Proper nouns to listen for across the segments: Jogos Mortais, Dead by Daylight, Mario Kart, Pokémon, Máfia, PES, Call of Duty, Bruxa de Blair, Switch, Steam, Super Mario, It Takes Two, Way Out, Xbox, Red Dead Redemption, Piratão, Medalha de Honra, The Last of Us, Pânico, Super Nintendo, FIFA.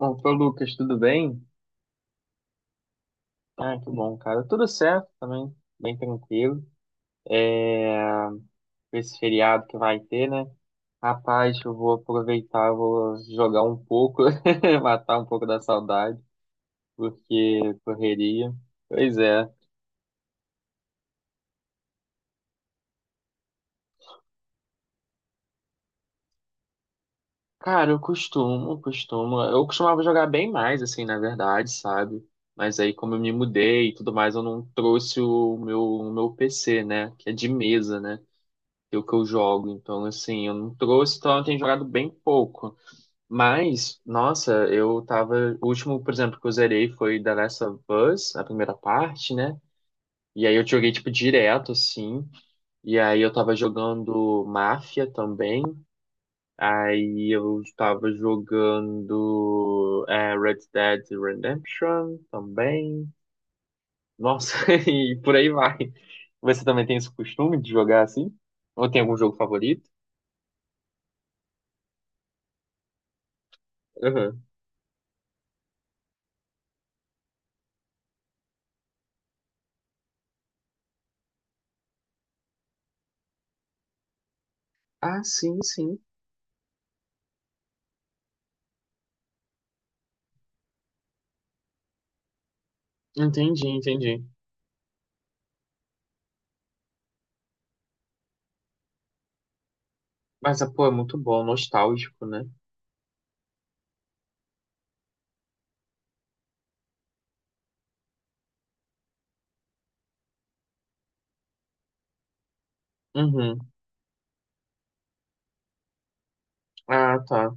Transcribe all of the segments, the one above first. Opa, Lucas, tudo bem? Ah, que bom, cara. Tudo certo também, bem tranquilo. É... Esse feriado que vai ter, né? Rapaz, eu vou aproveitar, eu vou jogar um pouco, matar um pouco da saudade, porque correria. Pois é. Cara, eu costumo, costumo. Eu costumava jogar bem mais, assim, na verdade, sabe? Mas aí, como eu me mudei e tudo mais, eu não trouxe o meu PC, né? Que é de mesa, né, o que eu jogo. Então, assim, eu não trouxe, então eu tenho jogado bem pouco. Mas, nossa, eu tava. O último, por exemplo, que eu zerei foi The Last of Us, a primeira parte, né? E aí eu joguei, tipo, direto, assim. E aí eu tava jogando Máfia também. Aí eu tava jogando Red Dead Redemption também. Nossa, e por aí vai. Você também tem esse costume de jogar assim? Ou tem algum jogo favorito? Uhum. Ah, sim, sim. Entendi, entendi. Mas, ah, pô, é muito bom, nostálgico, né? Uhum. Ah, tá.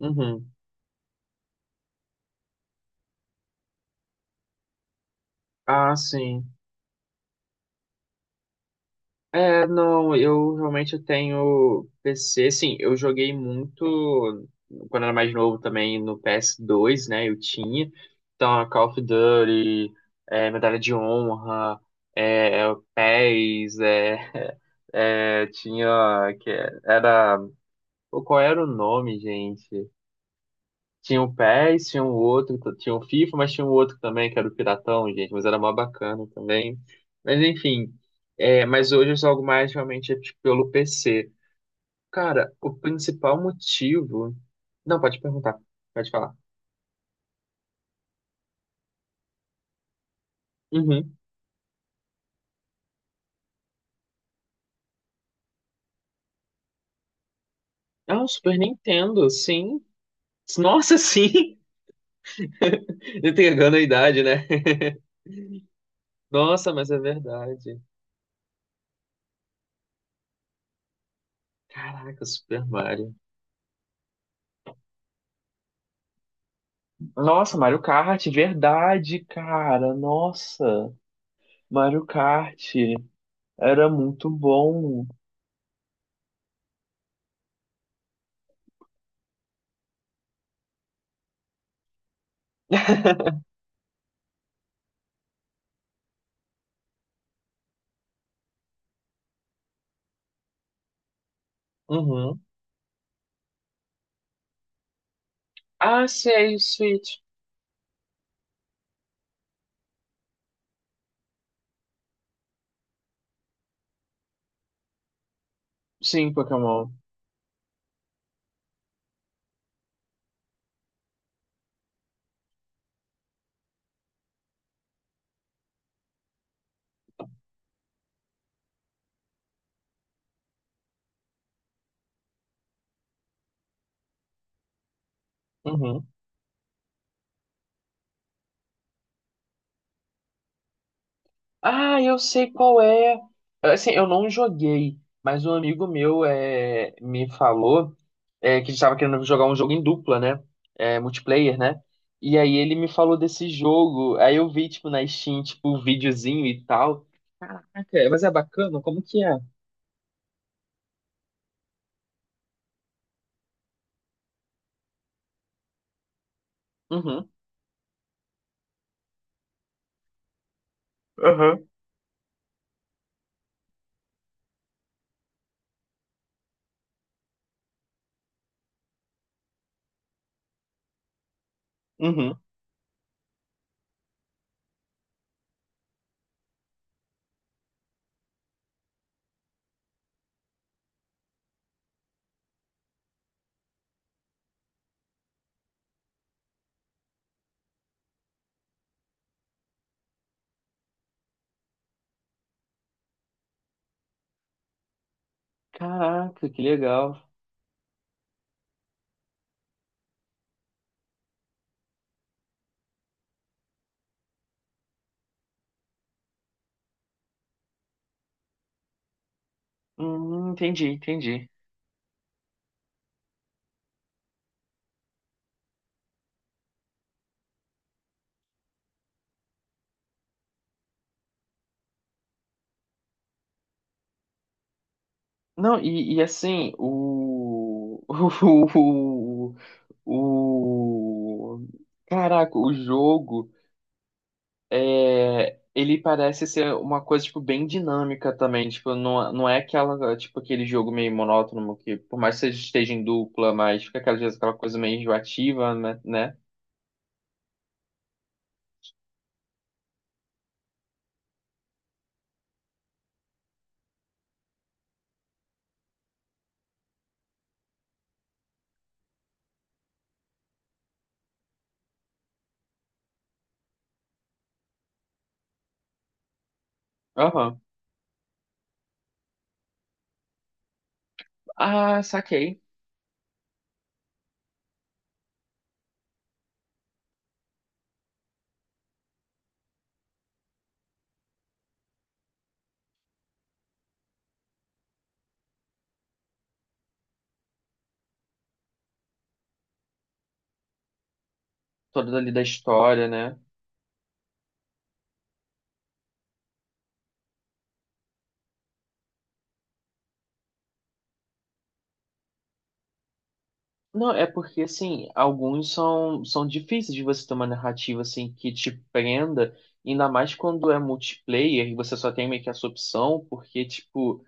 Uhum. Ah, sim. É, não, eu realmente tenho PC, sim, eu joguei muito quando era mais novo também no PS2, né? Eu tinha. Então, Call of Duty, Medalha de Honra, é, PES, tinha, que era, pô, qual era o nome, gente? Tinha o PES, tinha um outro, tinha o FIFA, mas tinha um outro também, que era o Piratão, gente, mas era mó bacana também. Mas enfim, mas hoje eu jogo mais realmente tipo, pelo PC. Cara, o principal motivo. Não, pode perguntar, pode falar. Uhum. Ah, o Super Nintendo, sim. Nossa, sim! Entregando a idade, né? Nossa, mas é verdade. Caraca, Super Mario. Nossa, Mario Kart, verdade, cara. Nossa, Mario Kart. Era muito bom. Uhum. Ah, sei, Switch. Sim, Pokémon. Uhum. Ah, eu sei qual é. Assim, eu não joguei, mas um amigo meu me falou que estava querendo jogar um jogo em dupla, né? É, multiplayer, né? E aí ele me falou desse jogo. Aí eu vi, tipo, na Steam, tipo, um videozinho e tal. Caraca, mas é bacana? Como que é? Uhum. Aham. Uhum. Caraca, que legal. Entendi, entendi. Não, e assim, o, o- Caraca, o jogo, ele parece ser uma coisa, tipo, bem dinâmica também. Tipo, não, não é aquela, tipo, aquele jogo meio monótono que, por mais que você esteja em dupla, mas fica aquela, às vezes, aquela coisa meio enjoativa, né? Aham. Ah, saquei. Toda ali da história, né? Não, é porque, assim, alguns são difíceis de você ter uma narrativa, assim, que te prenda, ainda mais quando é multiplayer e você só tem meio que essa opção, porque, tipo,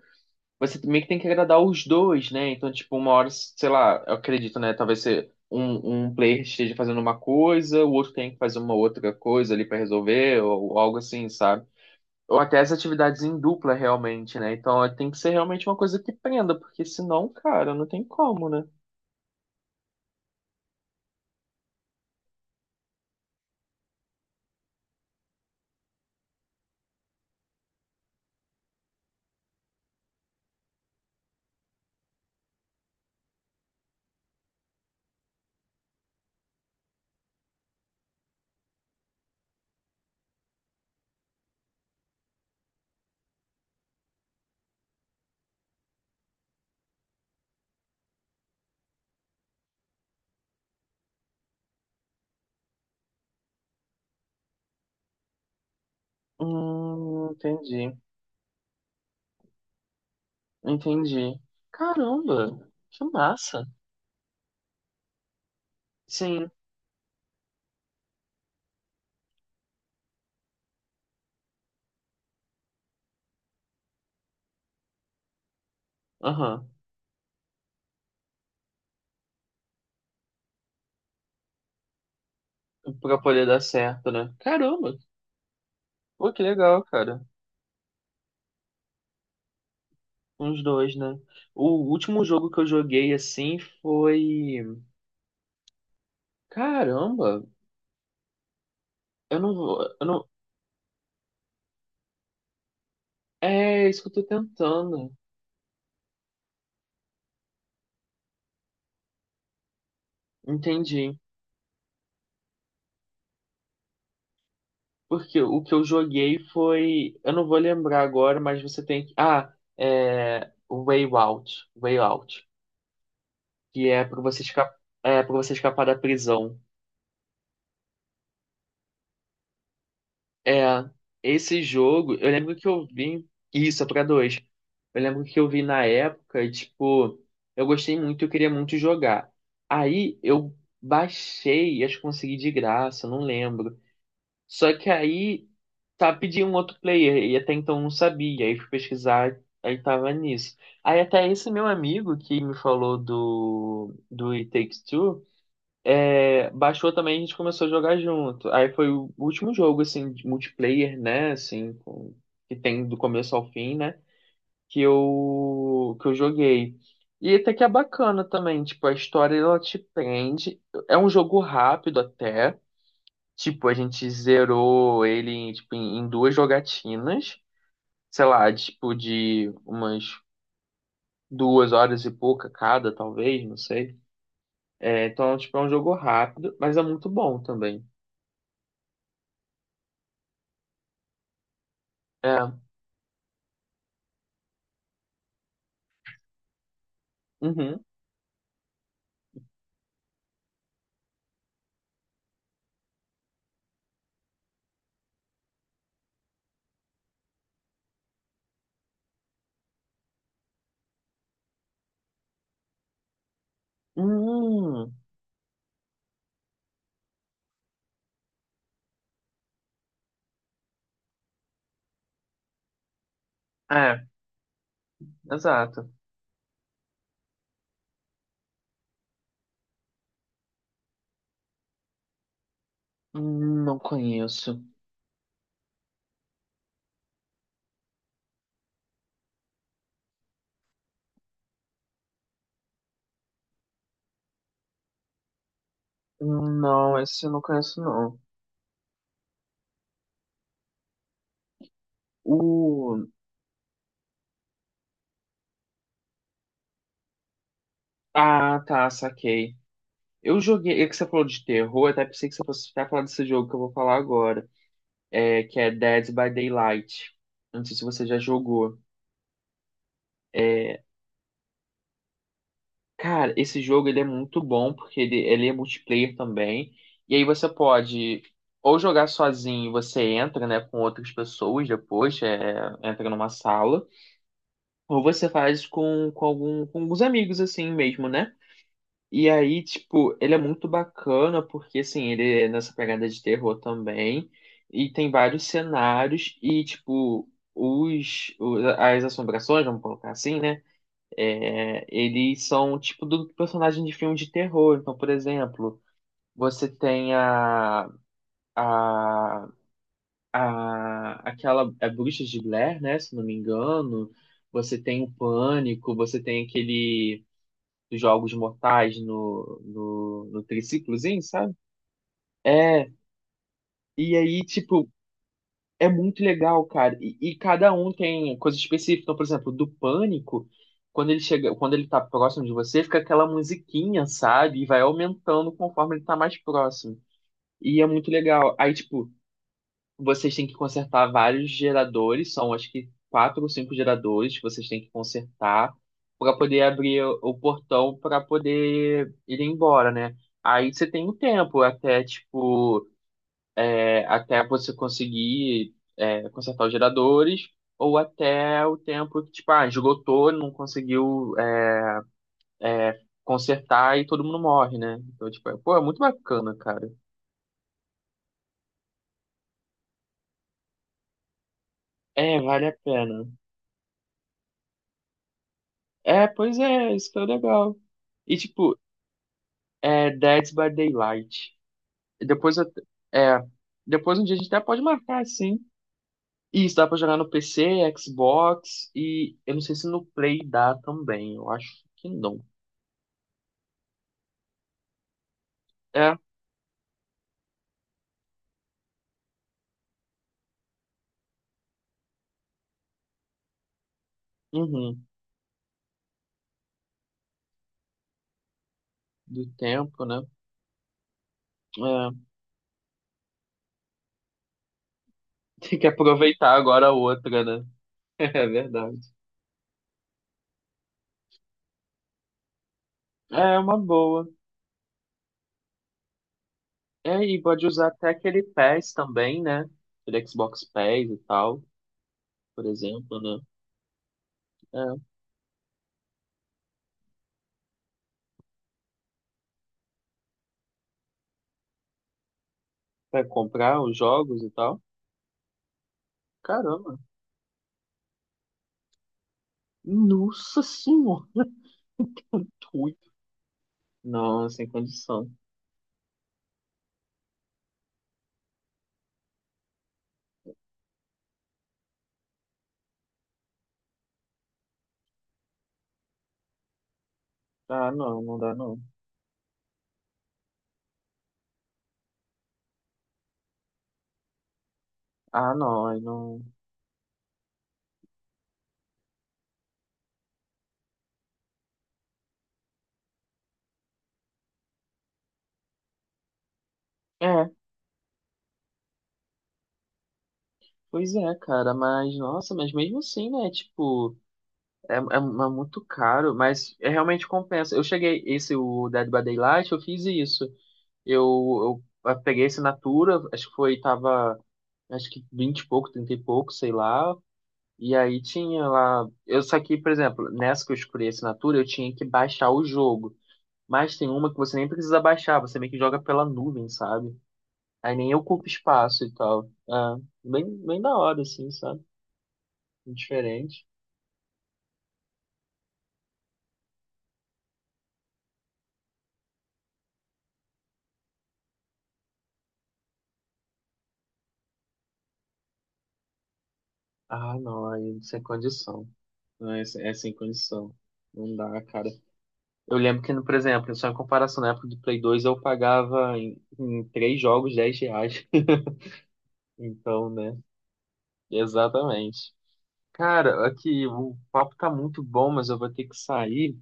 você meio que tem que agradar os dois, né? Então, tipo, uma hora, sei lá, eu acredito, né? Talvez você, um player esteja fazendo uma coisa, o outro tem que fazer uma outra coisa ali pra resolver, ou algo assim, sabe? Ou até as atividades em dupla, realmente, né? Então, tem que ser realmente uma coisa que prenda, porque senão, cara, não tem como, né? Entendi. Entendi. Caramba, que massa. Sim, aham. Pra poder dar certo, né? Caramba, pô, que legal, cara. Uns dois, né? O último jogo que eu joguei assim foi. Caramba, eu não vou. Eu não... É isso que eu tô tentando. Entendi. Porque o que eu joguei foi. Eu não vou lembrar agora, mas você tem que. Ah, é. Way Out. Way Out. Que é para você escapar, é para você escapar da prisão. É, esse jogo, eu lembro que eu vi isso, é para dois. Eu lembro que eu vi na época, e, tipo, eu gostei muito, eu queria muito jogar. Aí eu baixei, acho que consegui de graça, não lembro. Só que aí tá pedindo um outro player e até então eu não sabia, aí fui pesquisar, aí tava nisso. Aí até esse meu amigo que me falou do It Takes Two. É, Baixou também, a gente começou a jogar junto. Aí foi o último jogo, assim, de multiplayer, né? Assim, que tem do começo ao fim, né? Que eu joguei. E até que é bacana também, tipo, a história ela te prende. É um jogo rápido até. Tipo, a gente zerou ele em, tipo, em duas jogatinas. Sei lá, tipo, de umas 2 horas e pouca cada, talvez, não sei. É, então, tipo, é um jogo rápido, mas é muito bom também. É. Uhum. Hum, é, exato. Não conheço. Não, esse eu não conheço, não. O... Ah, tá, saquei. Eu joguei, é que você falou de terror, eu até pensei que você fosse até falar desse jogo que eu vou falar agora, que é Dead by Daylight. Não sei se você já jogou. É, cara, esse jogo ele é muito bom, porque ele é multiplayer também, e aí você pode ou jogar sozinho, você entra, né, com outras pessoas depois, entra numa sala. Ou você faz com alguns amigos, assim mesmo, né? E aí, tipo, ele é muito bacana, porque, assim, ele é nessa pegada de terror também. E tem vários cenários, e, tipo, as assombrações, vamos colocar assim, né? É, eles são, tipo, do personagem de filme de terror. Então, por exemplo, você tem a a Bruxa de Blair, né? Se não me engano, você tem o Pânico, você tem aquele dos Jogos Mortais no triciclozinho, sabe? É, e aí, tipo, é muito legal, cara. E cada um tem coisa específica. Então, por exemplo, do Pânico, quando ele chega, quando ele tá próximo de você, fica aquela musiquinha, sabe? E vai aumentando conforme ele tá mais próximo. E é muito legal. Aí, tipo, vocês têm que consertar vários geradores, são acho que quatro ou cinco geradores que vocês têm que consertar para poder abrir o portão para poder ir embora, né? Aí você tem um tempo até tipo até você conseguir consertar os geradores, ou até o tempo que tipo esgotou, não conseguiu consertar e todo mundo morre, né? Então tipo pô, é muito bacana, cara. É, vale a pena. É, pois é, isso que é o legal. E, tipo, é Dead by Daylight. E Depois, eu- é, Depois um dia a gente até pode marcar, assim. Isso, dá pra jogar no PC, Xbox e eu não sei se no Play dá também. Eu acho que não. É, uhum, do tempo, né? É, tem que aproveitar agora a outra, né? É verdade. É uma boa. É, e pode usar até aquele PES também, né? Aquele Xbox PES e tal, por exemplo, né? É, pra comprar os jogos e tal. Caramba. Nossa senhora. Ui, não, sem condição. Ah, não, não dá não. Ah, não, aí não. É, pois é, cara, mas nossa, mas mesmo assim, né? Tipo, é muito caro, mas é realmente compensa. Eu cheguei, esse, o Dead by Daylight, eu fiz isso. Eu peguei a assinatura, acho que foi, tava, acho que 20 e pouco, 30 e pouco, sei lá. E aí tinha lá. Eu, só que, por exemplo, nessa que eu escolhi a assinatura, eu tinha que baixar o jogo. Mas tem uma que você nem precisa baixar, você meio que joga pela nuvem, sabe? Aí nem ocupa espaço e tal. Ah, bem, bem da hora, assim, sabe? Diferente. Ah, não, aí é sem condição. Não, é, é sem condição. Não dá, cara. Eu lembro que, por exemplo, só em comparação na época do Play 2, eu pagava em, três jogos R$ 10. Então, né? Exatamente. Cara, aqui o papo tá muito bom, mas eu vou ter que sair.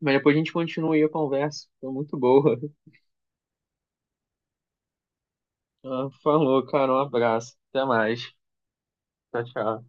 Mas depois a gente continua aí a conversa. Foi muito boa. Ah, falou, cara. Um abraço. Até mais. Tchau, tchau.